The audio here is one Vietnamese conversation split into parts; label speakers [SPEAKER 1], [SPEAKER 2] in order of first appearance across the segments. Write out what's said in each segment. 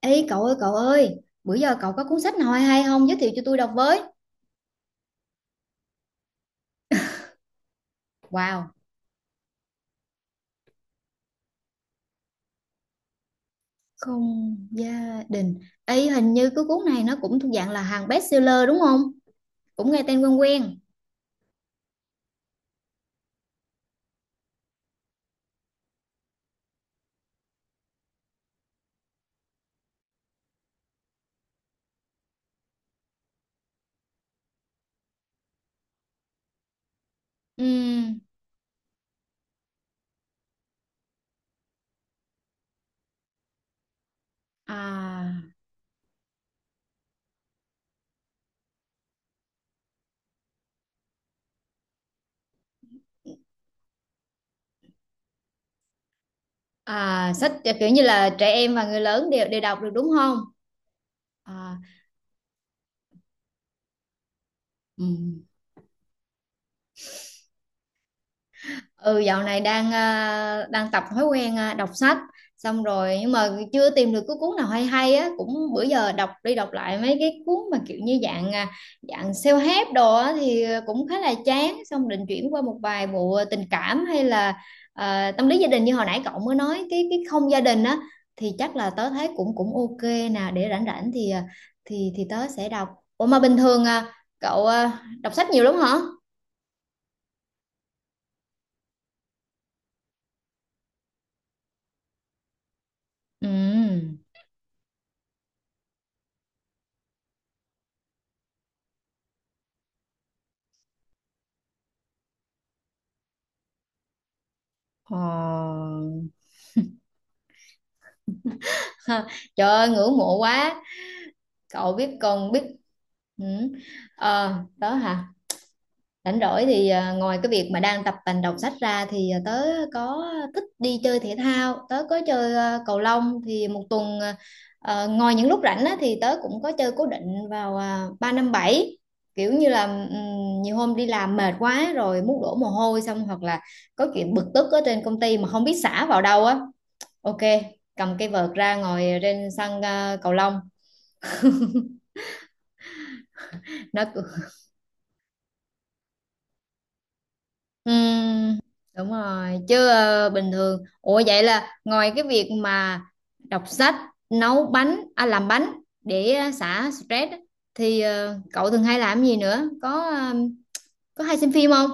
[SPEAKER 1] Ê cậu ơi, bữa giờ cậu có cuốn sách nào hay hay không giới thiệu cho tôi đọc với. Wow, không gia đình. Ê hình như cái cuốn này nó cũng thuộc dạng là hàng bestseller đúng không? Cũng nghe tên quen quen. Ừm, à, à, sách kiểu như là trẻ em và người lớn đều đều đọc được đúng không? À, ừm. Ừ, dạo này đang đang tập thói quen đọc sách xong rồi nhưng mà chưa tìm được cái cuốn nào hay hay á, cũng bữa giờ đọc đi đọc lại mấy cái cuốn mà kiểu như dạng dạng self-help đồ á thì cũng khá là chán, xong định chuyển qua một vài bộ tình cảm hay là tâm lý gia đình như hồi nãy cậu mới nói cái không gia đình á thì chắc là tớ thấy cũng cũng ok nè, để rảnh rảnh thì thì tớ sẽ đọc. Ủa mà bình thường cậu đọc sách nhiều lắm hả? Ừ. Ờ. Ha, trời ơi ngưỡng mộ quá, cậu biết còn biết. Ừ. Ờ, đó hả, rảnh rỗi thì ngoài cái việc mà đang tập tành đọc sách ra thì tớ có thích đi chơi thể thao, tớ có chơi cầu lông thì một tuần ngoài những lúc rảnh á, thì tớ cũng có chơi cố định vào ba năm bảy, kiểu như là nhiều hôm đi làm mệt quá rồi muốn đổ mồ hôi, xong hoặc là có chuyện bực tức ở trên công ty mà không biết xả vào đâu á. Ok, cầm cái vợt ra ngồi trên sân cầu lông. Nó cứ- Ừm, đúng rồi, chứ bình thường. Ủa vậy là ngoài cái việc mà đọc sách, nấu bánh, à, làm bánh để xả stress á, thì cậu thường hay làm gì nữa? Có có hay xem phim không?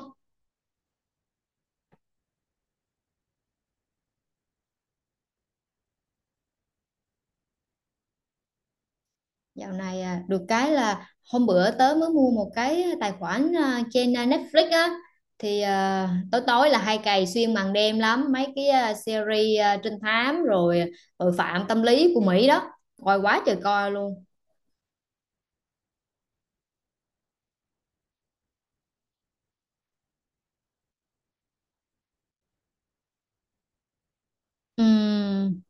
[SPEAKER 1] Dạo này được cái là hôm bữa tớ mới mua một cái tài khoản trên Netflix á thì tối tối là hay cày xuyên màn đêm lắm mấy cái series trinh thám, rồi tội phạm tâm lý của Mỹ đó, coi quá trời coi luôn. Ừm,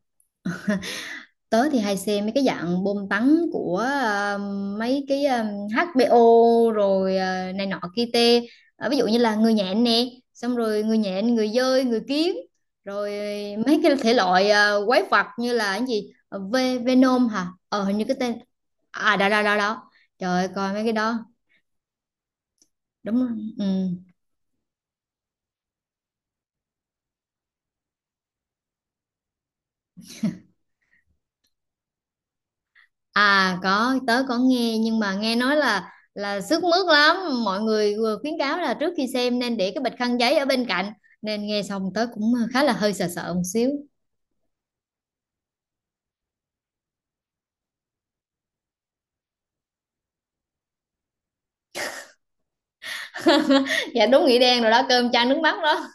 [SPEAKER 1] tớ thì hay xem mấy cái dạng bom tấn của mấy cái HBO rồi này nọ kia tê. Ờ, ví dụ như là người nhện nè, xong rồi người nhện người dơi người kiến rồi mấy cái thể loại quái vật như là cái gì. Ờ, Venom hả, hình như cái tên. À đó đó đó đó, trời ơi, coi mấy cái đó đúng rồi. Ừ. À có, tớ có nghe nhưng mà nghe nói là sức mướt lắm, mọi người vừa khuyến cáo là trước khi xem nên để cái bịch khăn giấy ở bên cạnh, nên nghe xong tớ cũng khá là hơi sợ sợ một xíu. Dạ đúng nghĩa đen rồi đó, cơm chan nước mắt đó.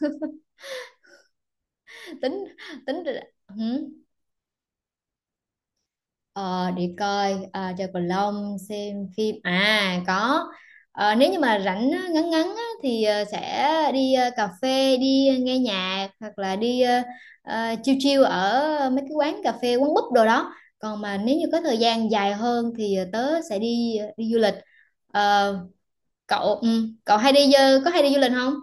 [SPEAKER 1] Tính tính hử? Ờ, để coi chơi cầu lông, xem phim có. Ờ, nếu như mà rảnh á, ngắn ngắn á, thì sẽ đi cà phê, đi nghe nhạc, hoặc là đi chill chill ở mấy cái quán cà phê, quán búp đồ đó. Còn mà nếu như có thời gian dài hơn thì tớ sẽ đi đi du lịch. Ờ, cậu ừ, cậu hay đi có hay đi du lịch không?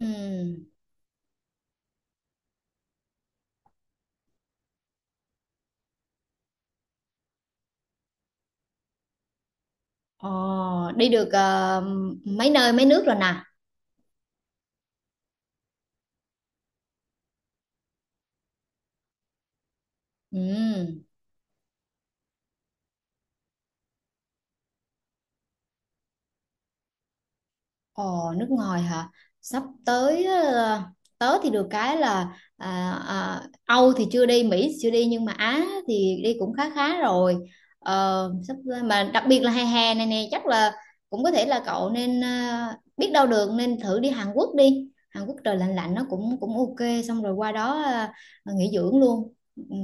[SPEAKER 1] Ừ. Ờ, đi được mấy nơi mấy nước rồi nè. Ừ. Ồ, nước ngoài hả? Sắp tới tớ thì được cái là à, Âu thì chưa đi, Mỹ thì chưa đi, nhưng mà Á thì đi cũng khá khá rồi. Ờ, sắp mà đặc biệt là hè hè này nè chắc là cũng có thể là cậu nên biết đâu được nên thử đi. Hàn Quốc trời lạnh lạnh nó cũng cũng ok, xong rồi qua đó nghỉ dưỡng luôn. Ừ,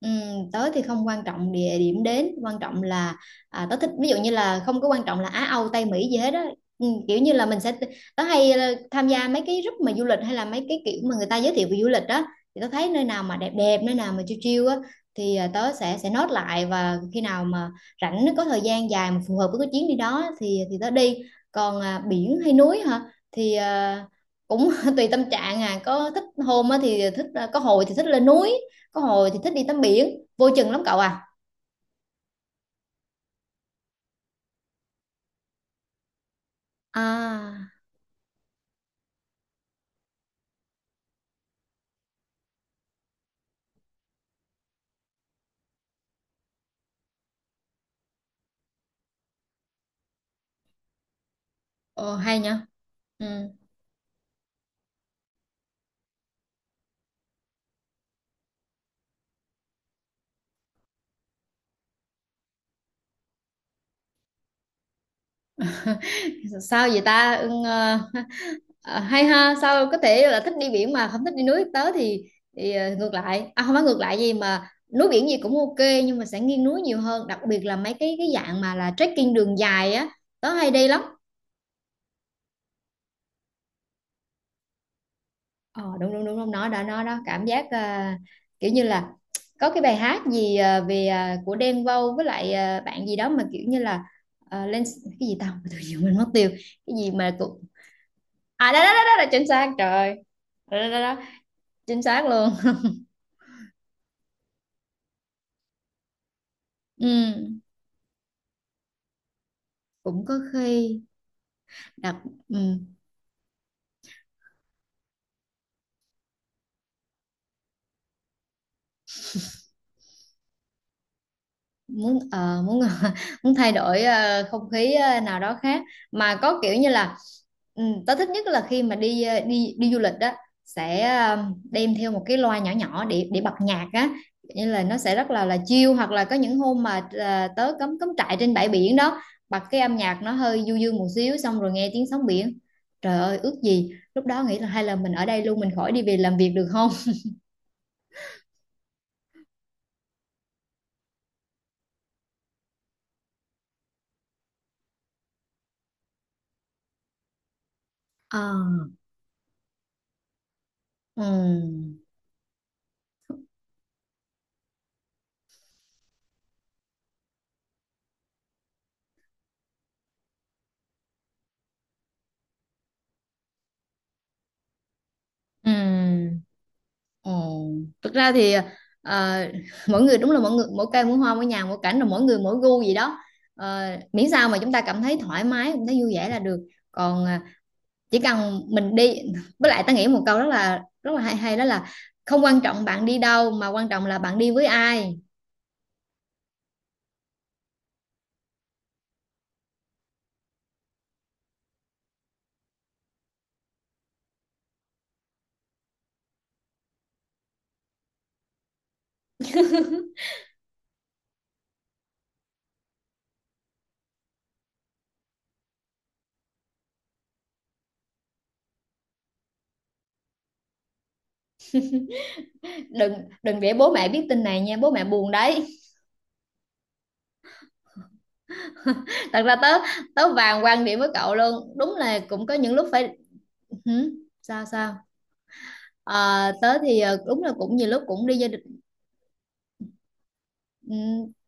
[SPEAKER 1] ừm, tớ thì không quan trọng địa điểm, đến quan trọng là tớ thích, ví dụ như là không có quan trọng là Á Âu Tây Mỹ gì hết á. Kiểu như là mình sẽ tớ hay tham gia mấy cái group mà du lịch, hay là mấy cái kiểu mà người ta giới thiệu về du lịch đó, thì tớ thấy nơi nào mà đẹp đẹp, nơi nào mà chill chill á thì tớ sẽ note lại, và khi nào mà rảnh có thời gian dài mà phù hợp với cái chuyến đi đó thì tớ đi. Còn biển hay núi hả, thì cũng tùy tâm trạng, có thích hôm á thì thích, có hồi thì thích lên núi, có hồi thì thích đi tắm biển, vô chừng lắm cậu à. À, ồ, hay nha. Ừ. Sao vậy ta? Ừ, ờ, hay ha, sao có thể là thích đi biển mà không thích đi núi? Tớ thì ngược lại, à, không phải ngược lại gì mà núi biển gì cũng ok, nhưng mà sẽ nghiêng núi nhiều hơn, đặc biệt là mấy cái dạng mà là trekking đường dài á, tớ hay đi lắm. Ờ, đúng đúng đúng đúng nó đó nó đó, cảm giác kiểu như là có cái bài hát gì về của Đen Vâu với lại bạn gì đó mà kiểu như là lên cái gì tao tự nhiên mình mất tiêu, cái gì mà cũng à đó đó đó, đó là chính xác trời ơi. Đó, đó, đó, đó. Chính xác luôn. Ừ, cũng có khi đặc ừ, muốn muốn muốn thay đổi không khí nào đó khác mà có kiểu như là ừ, tớ thích nhất là khi mà đi đi đi du lịch đó sẽ đem theo một cái loa nhỏ nhỏ để bật nhạc á, như là nó sẽ rất là chill, hoặc là có những hôm mà tớ cắm cắm trại trên bãi biển đó, bật cái âm nhạc nó hơi du dương một xíu xong rồi nghe tiếng sóng biển, trời ơi ước gì lúc đó nghĩ là hay là mình ở đây luôn mình khỏi đi về làm việc được không. Ờ. Ừ. Ừ. Ồ, thực ra thì ờ, mỗi người đúng là mỗi người mỗi cây mỗi hoa mỗi nhà mỗi cảnh rồi mỗi người mỗi gu gì đó. Ờ, miễn sao mà chúng ta cảm thấy thoải mái cảm thấy vui vẻ là được, còn chỉ cần mình đi với lại ta nghĩ một câu rất là hay hay đó là không quan trọng bạn đi đâu mà quan trọng là bạn đi với ai. Đừng đừng để bố mẹ biết tin này nha, bố mẹ buồn đấy. Thật ra tớ tớ vàng quan điểm với cậu luôn, đúng là cũng có những lúc phải hử? Sao sao. Ờ, tớ thì đúng là cũng nhiều lúc cũng đi gia. Ừ,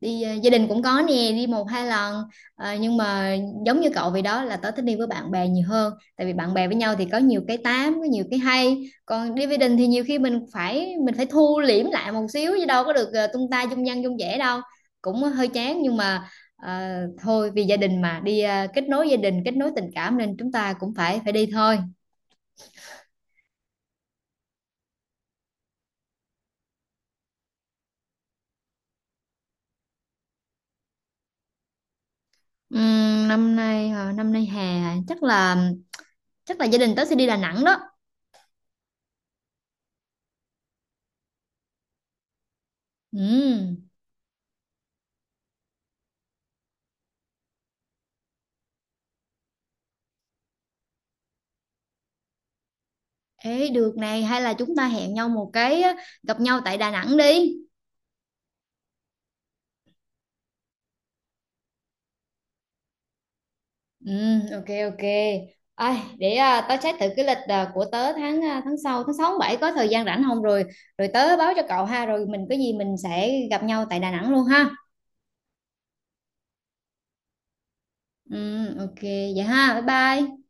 [SPEAKER 1] đi gia đình cũng có nè, đi một hai lần. Ờ, nhưng mà giống như cậu vậy đó, là tớ thích đi với bạn bè nhiều hơn, tại vì bạn bè với nhau thì có nhiều cái tám có nhiều cái hay, còn đi với đình thì nhiều khi mình phải thu liễm lại một xíu, chứ đâu có được tung ta dung dăng dung dẻ đâu, cũng hơi chán nhưng mà ờ, thôi vì gia đình mà đi kết nối gia đình kết nối tình cảm, nên chúng ta cũng phải phải đi thôi. Năm nay hả? Năm nay hè hả? Chắc là chắc là gia đình tớ sẽ đi Đà Nẵng đó. Ừ. Ê, được này, hay là chúng ta hẹn nhau một cái á, gặp nhau tại Đà Nẵng đi. Ừ, ok ok. Ai, để tớ check thử cái lịch của tớ tháng tháng sau tháng 6 tháng 7 có thời gian rảnh không, rồi rồi tớ báo cho cậu ha, rồi mình có gì mình sẽ gặp nhau tại Đà Nẵng luôn ha. Ừ, ok vậy ha. Bye bye.